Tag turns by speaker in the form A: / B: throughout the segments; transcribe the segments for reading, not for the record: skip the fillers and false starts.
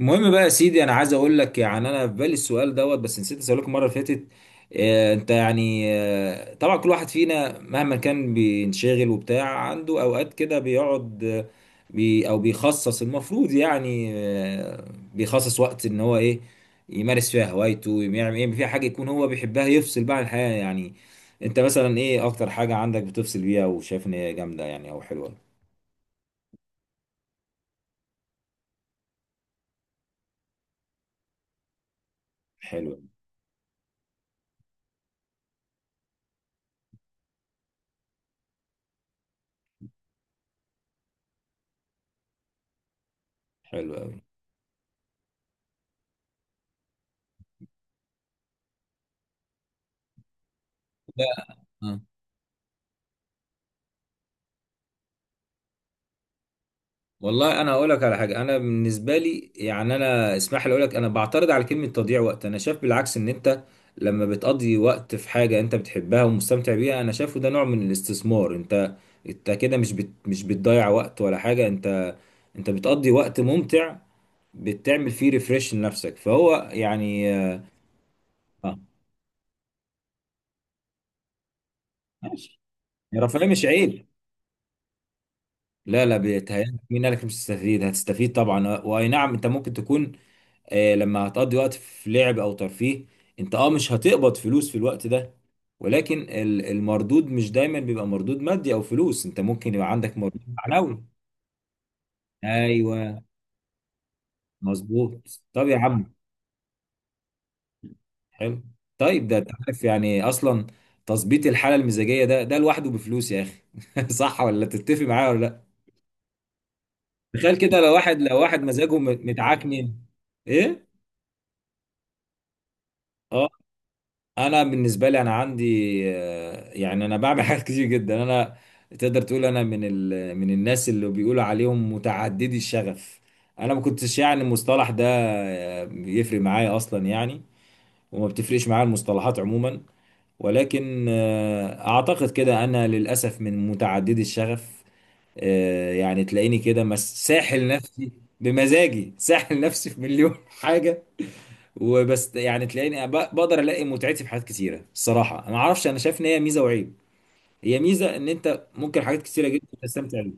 A: المهم بقى يا سيدي، انا عايز اقول لك يعني انا في بالي السؤال دوت، بس نسيت اسالك المره اللي فاتت. انت يعني، طبعا كل واحد فينا مهما كان بينشغل وبتاع، عنده اوقات كده بيقعد، بي او بيخصص، المفروض يعني، بيخصص وقت ان هو ايه يمارس فيها هوايته، يعمل ايه فيها حاجه يكون هو بيحبها، يفصل بقى عن الحياه يعني. انت مثلا ايه اكتر حاجه عندك بتفصل بيها وشايف ان هي جامده يعني او حلوه؟ حلوه حلوه قوي. والله انا هقول لك على حاجه، انا بالنسبه لي يعني، انا اسمح لي اقول لك، انا بعترض على كلمه تضييع وقت. انا شايف بالعكس، ان انت لما بتقضي وقت في حاجه انت بتحبها ومستمتع بيها، انا شايفه ده نوع من الاستثمار. انت كده مش بت مش بتضيع وقت ولا حاجه، انت بتقضي وقت ممتع، بتعمل فيه ريفريش لنفسك، فهو يعني. اه، ماشي. الرفاهيه مش عيب. لا لا، بيتهيألك، مين قالك مش هتستفيد؟ هتستفيد طبعا، واي نعم، انت ممكن تكون لما هتقضي وقت في لعب او ترفيه، انت اه مش هتقبض فلوس في الوقت ده، ولكن المردود مش دايما بيبقى مردود مادي او فلوس، انت ممكن يبقى عندك مردود معنوي. ايوه، مظبوط، طب يا عم. حلو. طيب، ده انت عارف يعني اصلا، تظبيط الحاله المزاجيه ده لوحده بفلوس يا اخي. صح، ولا تتفق معايا ولا لا؟ تخيل كده، لو واحد مزاجه متعكنن. ايه، اه. انا بالنسبه لي انا عندي، يعني انا بعمل حاجات كتير جدا. انا تقدر تقول انا من من الناس اللي بيقولوا عليهم متعددي الشغف. انا ما كنتش يعني المصطلح ده بيفرق معايا اصلا يعني، وما بتفرقش معايا المصطلحات عموما، ولكن اعتقد كده انا للاسف من متعددي الشغف. يعني تلاقيني كده ساحل نفسي بمزاجي، ساحل نفسي في مليون حاجه. وبس يعني تلاقيني بقدر الاقي متعتي في حاجات كتيره. الصراحه ما اعرفش، انا شايف ان هي ميزه وعيب، هي ميزه ان انت ممكن حاجات كتيره جدا تستمتع بيها.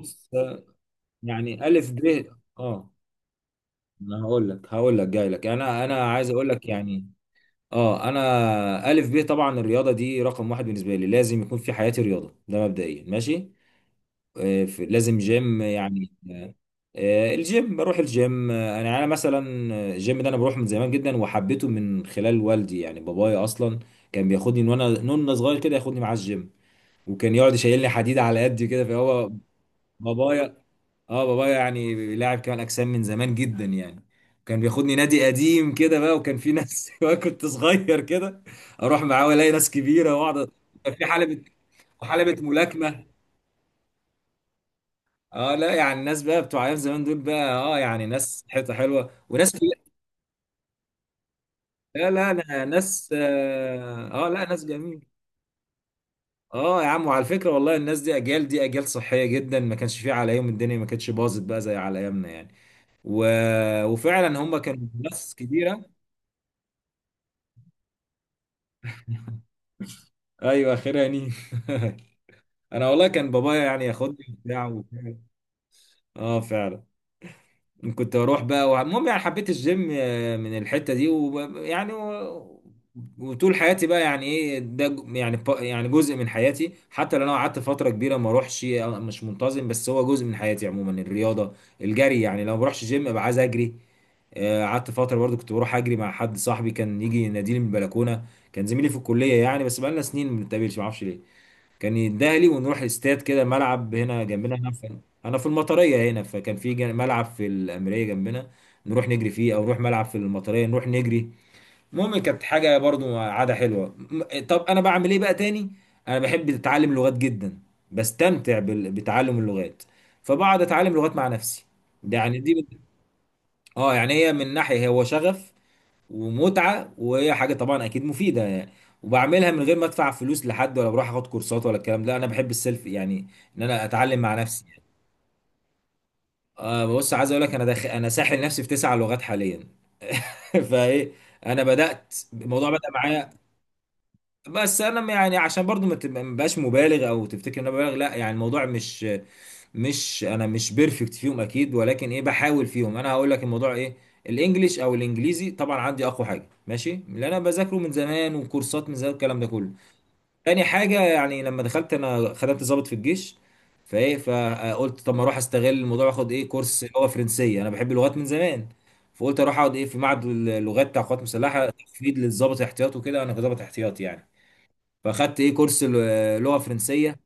A: بص يعني الف ب، اه، انا هقول لك جاي لك، انا عايز اقول لك يعني، اه، انا الف ب طبعا الرياضه دي رقم واحد بالنسبه لي، لازم يكون في حياتي رياضه، ده مبدئيا. ماشي، لازم جيم يعني. الجيم بروح الجيم. انا مثلا، الجيم ده انا بروح من زمان جدا، وحبيته من خلال والدي يعني، بابايا اصلا كان بياخدني من وانا نون صغير كده، ياخدني معاه الجيم، وكان يقعد يشيلني حديد على قدي كده، فهو بابايا. اه، بابايا يعني لاعب كمال اجسام من زمان جدا يعني، كان بياخدني نادي قديم كده بقى، وكان في ناس وانا كنت صغير كده اروح معاه والاقي ناس كبيره واقعد. كان في حلبة، وحلبة ملاكمة. اه، لا يعني الناس بقى بتوع ايام زمان دول بقى، اه يعني ناس حته حلوه وناس. لا لا لا، ناس اه، لا، ناس جميل. اه يا عم، وعلى فكره والله، الناس دي اجيال صحيه جدا، ما كانش فيها على يوم الدنيا، ما كانتش باظت بقى زي على ايامنا يعني. و... وفعلا هم كانوا ناس كبيره. ايوه، اخرها نيم. انا والله كان بابايا يعني ياخدني وبتاع وبتاع. اه فعلا، كنت اروح بقى المهم يعني حبيت الجيم من الحته دي، ويعني وطول حياتي بقى يعني ايه ده يعني يعني جزء من حياتي، حتى لو انا قعدت فتره كبيره ما اروحش، مش منتظم، بس هو جزء من حياتي عموما الرياضه. الجري يعني، لو ما بروحش جيم ابقى عايز اجري. قعدت فتره برضو كنت بروح اجري مع حد، صاحبي كان يجي يناديني من البلكونه، كان زميلي في الكليه يعني، بس بقالنا سنين ما بنتقابلش، ما اعرفش ليه، كان يديها لي، ونروح استاد كده، ملعب هنا جنبنا هنا، في انا في المطريه هنا، فكان في ملعب في الامريه جنبنا، نروح نجري فيه، او نروح ملعب في المطريه نروح نجري. المهم كانت حاجه برضو عاده حلوه. طب انا بعمل ايه بقى تاني؟ انا بحب اتعلم لغات جدا، بستمتع بتعلم اللغات، فبقعد اتعلم لغات مع نفسي. ده يعني دي، اه يعني هي من ناحيه هو شغف ومتعه، وهي حاجه طبعا اكيد مفيده يعني، وبعملها من غير ما ادفع فلوس لحد، ولا بروح اخد كورسات ولا الكلام ده، انا بحب السيلف يعني، ان انا اتعلم مع نفسي. بص، عايز اقول لك، انا انا ساحل نفسي في 9 لغات حاليا. فايه؟ انا بدات الموضوع بدا معايا، بس انا يعني عشان برضو ما بقاش مبالغ او تفتكر ان انا ببالغ، لا يعني الموضوع مش انا مش بيرفكت فيهم اكيد، ولكن ايه بحاول فيهم. انا هقول لك الموضوع ايه. الانجليش او الانجليزي طبعا عندي اقوى حاجه، ماشي، اللي انا بذاكره من زمان، وكورسات من زمان، الكلام ده كله. تاني حاجه، يعني لما دخلت انا خدمت ضابط في الجيش، فايه، فقلت طب ما اروح استغل الموضوع واخد ايه كورس اللي هو فرنسيه، انا بحب اللغات من زمان. فقلت اروح اقعد ايه في معهد اللغات بتاع القوات المسلحه، تفيد للضابط احتياط وكده، انا كضابط احتياط يعني. فاخدت ايه كورس لغه فرنسيه،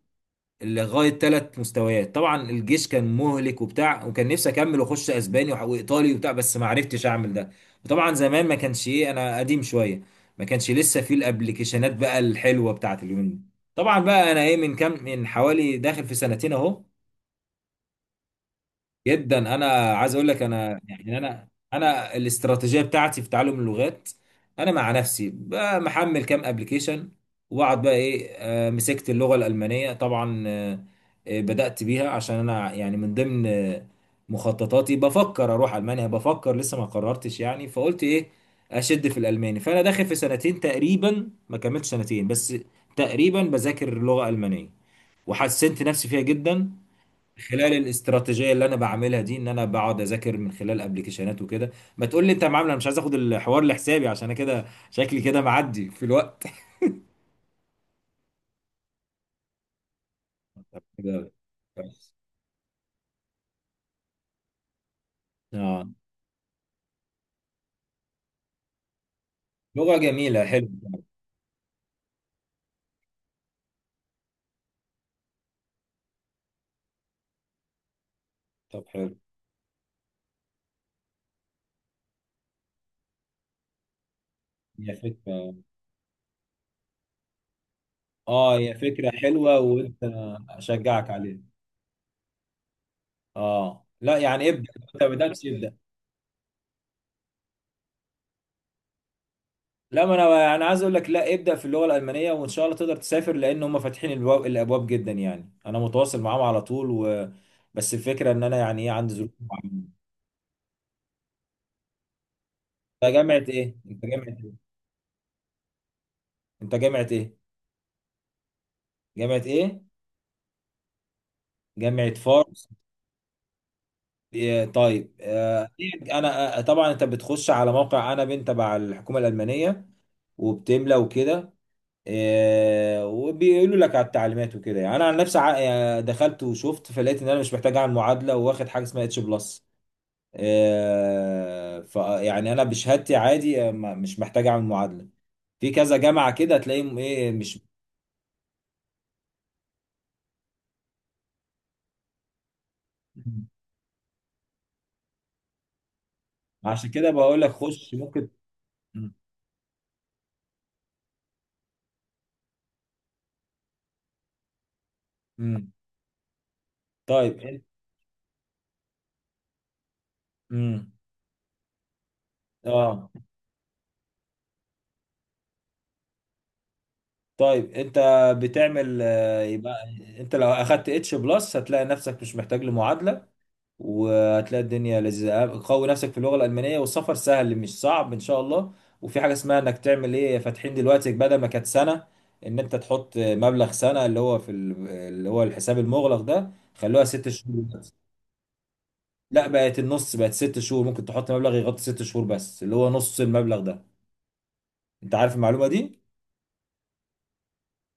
A: لغايه 3 مستويات. طبعا الجيش كان مهلك وبتاع، وكان نفسي اكمل واخش اسباني وايطالي وبتاع، بس ما عرفتش اعمل ده. وطبعا زمان ما كانش ايه، انا قديم شويه، ما كانش لسه في الابليكيشنات بقى الحلوه بتاعت اليومين دي. طبعا بقى انا ايه، من كام، من حوالي داخل في سنتين اهو. جدا، انا عايز اقول لك انا يعني، انا الاستراتيجيه بتاعتي في تعلم اللغات، انا مع نفسي بقى محمل كام ابلكيشن، واقعد بقى ايه، مسكت اللغه الالمانيه طبعا. بدات بيها عشان انا يعني من ضمن مخططاتي بفكر اروح المانيا، بفكر لسه ما قررتش يعني. فقلت ايه، اشد في الالماني، فانا داخل في سنتين تقريبا، ما كملتش سنتين بس، تقريبا بذاكر لغه المانيه وحسنت نفسي فيها جدا، خلال الاستراتيجيه اللي انا بعملها دي، ان انا بقعد اذاكر من خلال ابلكيشنات وكده. ما تقول لي انت معامله، انا مش عايز اخد الحوار لحسابي عشان انا كده شكلي كده معدي في الوقت. طب كده كويس. اه، لغه جميله، حلو. طب حلو. هي فكره، اه هي فكره حلوه وانت، اشجعك عليها. اه لا يعني ابدا، انت ما بداتش ابدا. لا، ما انا عايز اقول لك، لا ابدا في اللغه الالمانيه، وان شاء الله تقدر تسافر، لان هم فاتحين الابواب جدا يعني، انا متواصل معاهم على طول، بس الفكره ان انا يعني ايه، عندي ظروف معينه. انت جامعه ايه؟ انت جامعه ايه؟ انت جامعه ايه؟ جامعه ايه؟ جامعه فاروس؟ إيه طيب، انا طبعا انت بتخش على موقع، انا بنت تبع الحكومه الالمانيه، وبتملى وكده، وبيقولوا لك على التعليمات وكده يعني. انا عن نفسي، دخلت وشفت، فلقيت ان انا مش محتاج اعمل معادله، واخد حاجه اسمها H+. يعني انا بشهادتي عادي، مش محتاج اعمل معادله. في كذا جامعه كده تلاقيهم ايه، مش. عشان كده بقول لك خش ممكن. مم. مم. طيب انت. مم. اه طيب انت بتعمل، يبقى انت لو اخدت H+ هتلاقي نفسك مش محتاج لمعادله، وهتلاقي الدنيا لذيذة. قوي نفسك في اللغة الألمانية، والسفر سهل مش صعب إن شاء الله. وفي حاجة اسمها إنك تعمل إيه، فاتحين دلوقتي بدل ما كانت سنة، إن أنت تحط مبلغ سنة اللي هو في اللي هو الحساب المغلق ده، خلوها 6 شهور دلوقتي. لا، بقت النص، بقت 6 شهور، ممكن تحط مبلغ يغطي 6 شهور بس، اللي هو نص المبلغ ده. أنت عارف المعلومة دي؟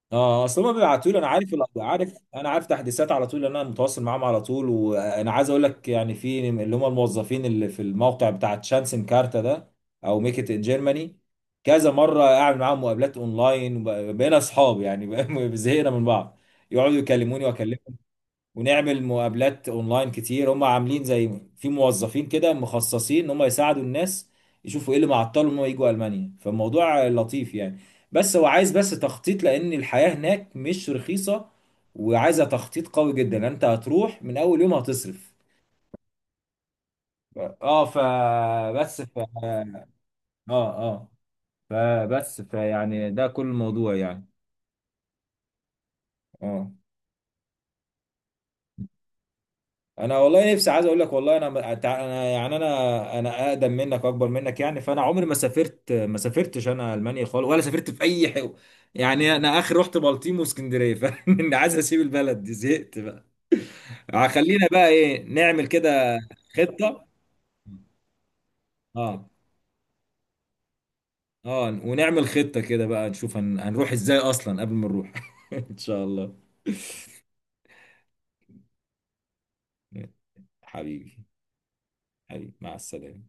A: اه، اصل هم بيبعتوا لي، انا عارف انا عارف تحديثات على طول، لان انا متواصل معاهم على طول. وانا عايز اقول لك يعني، في اللي هم الموظفين اللي في الموقع بتاع شانسن كارتا ده، او ميك ات ان جيرماني، كذا مره اعمل معاهم مقابلات اونلاين، بقينا اصحاب يعني، زهقنا من بعض. يقعدوا يكلموني واكلمهم، ونعمل مقابلات اونلاين كتير. هم عاملين زي في موظفين كده مخصصين ان هم يساعدوا الناس، يشوفوا ايه اللي معطلهم ان هم يجوا المانيا، فالموضوع لطيف يعني. بس هو عايز بس تخطيط، لان الحياة هناك مش رخيصة، وعايزة تخطيط قوي جدا، لأن انت هتروح من اول يوم هتصرف. ف- اه فبس ف اه اه فبس فيعني ده كل الموضوع يعني. اه. انا والله نفسي، عايز اقول لك، والله انا يعني انا اقدم منك اكبر منك يعني، فانا عمري ما سافرت، ما سافرتش انا المانيا خالص، ولا سافرت في اي يعني انا اخر رحت بلطيم واسكندريه. فانا عايز اسيب البلد دي، زهقت بقى. خلينا بقى ايه نعمل كده، خطه. اه اه ونعمل خطه كده بقى، نشوف هنروح ازاي اصلا قبل ما نروح. ان شاء الله. حبيبي، حبيبي مع السلامه.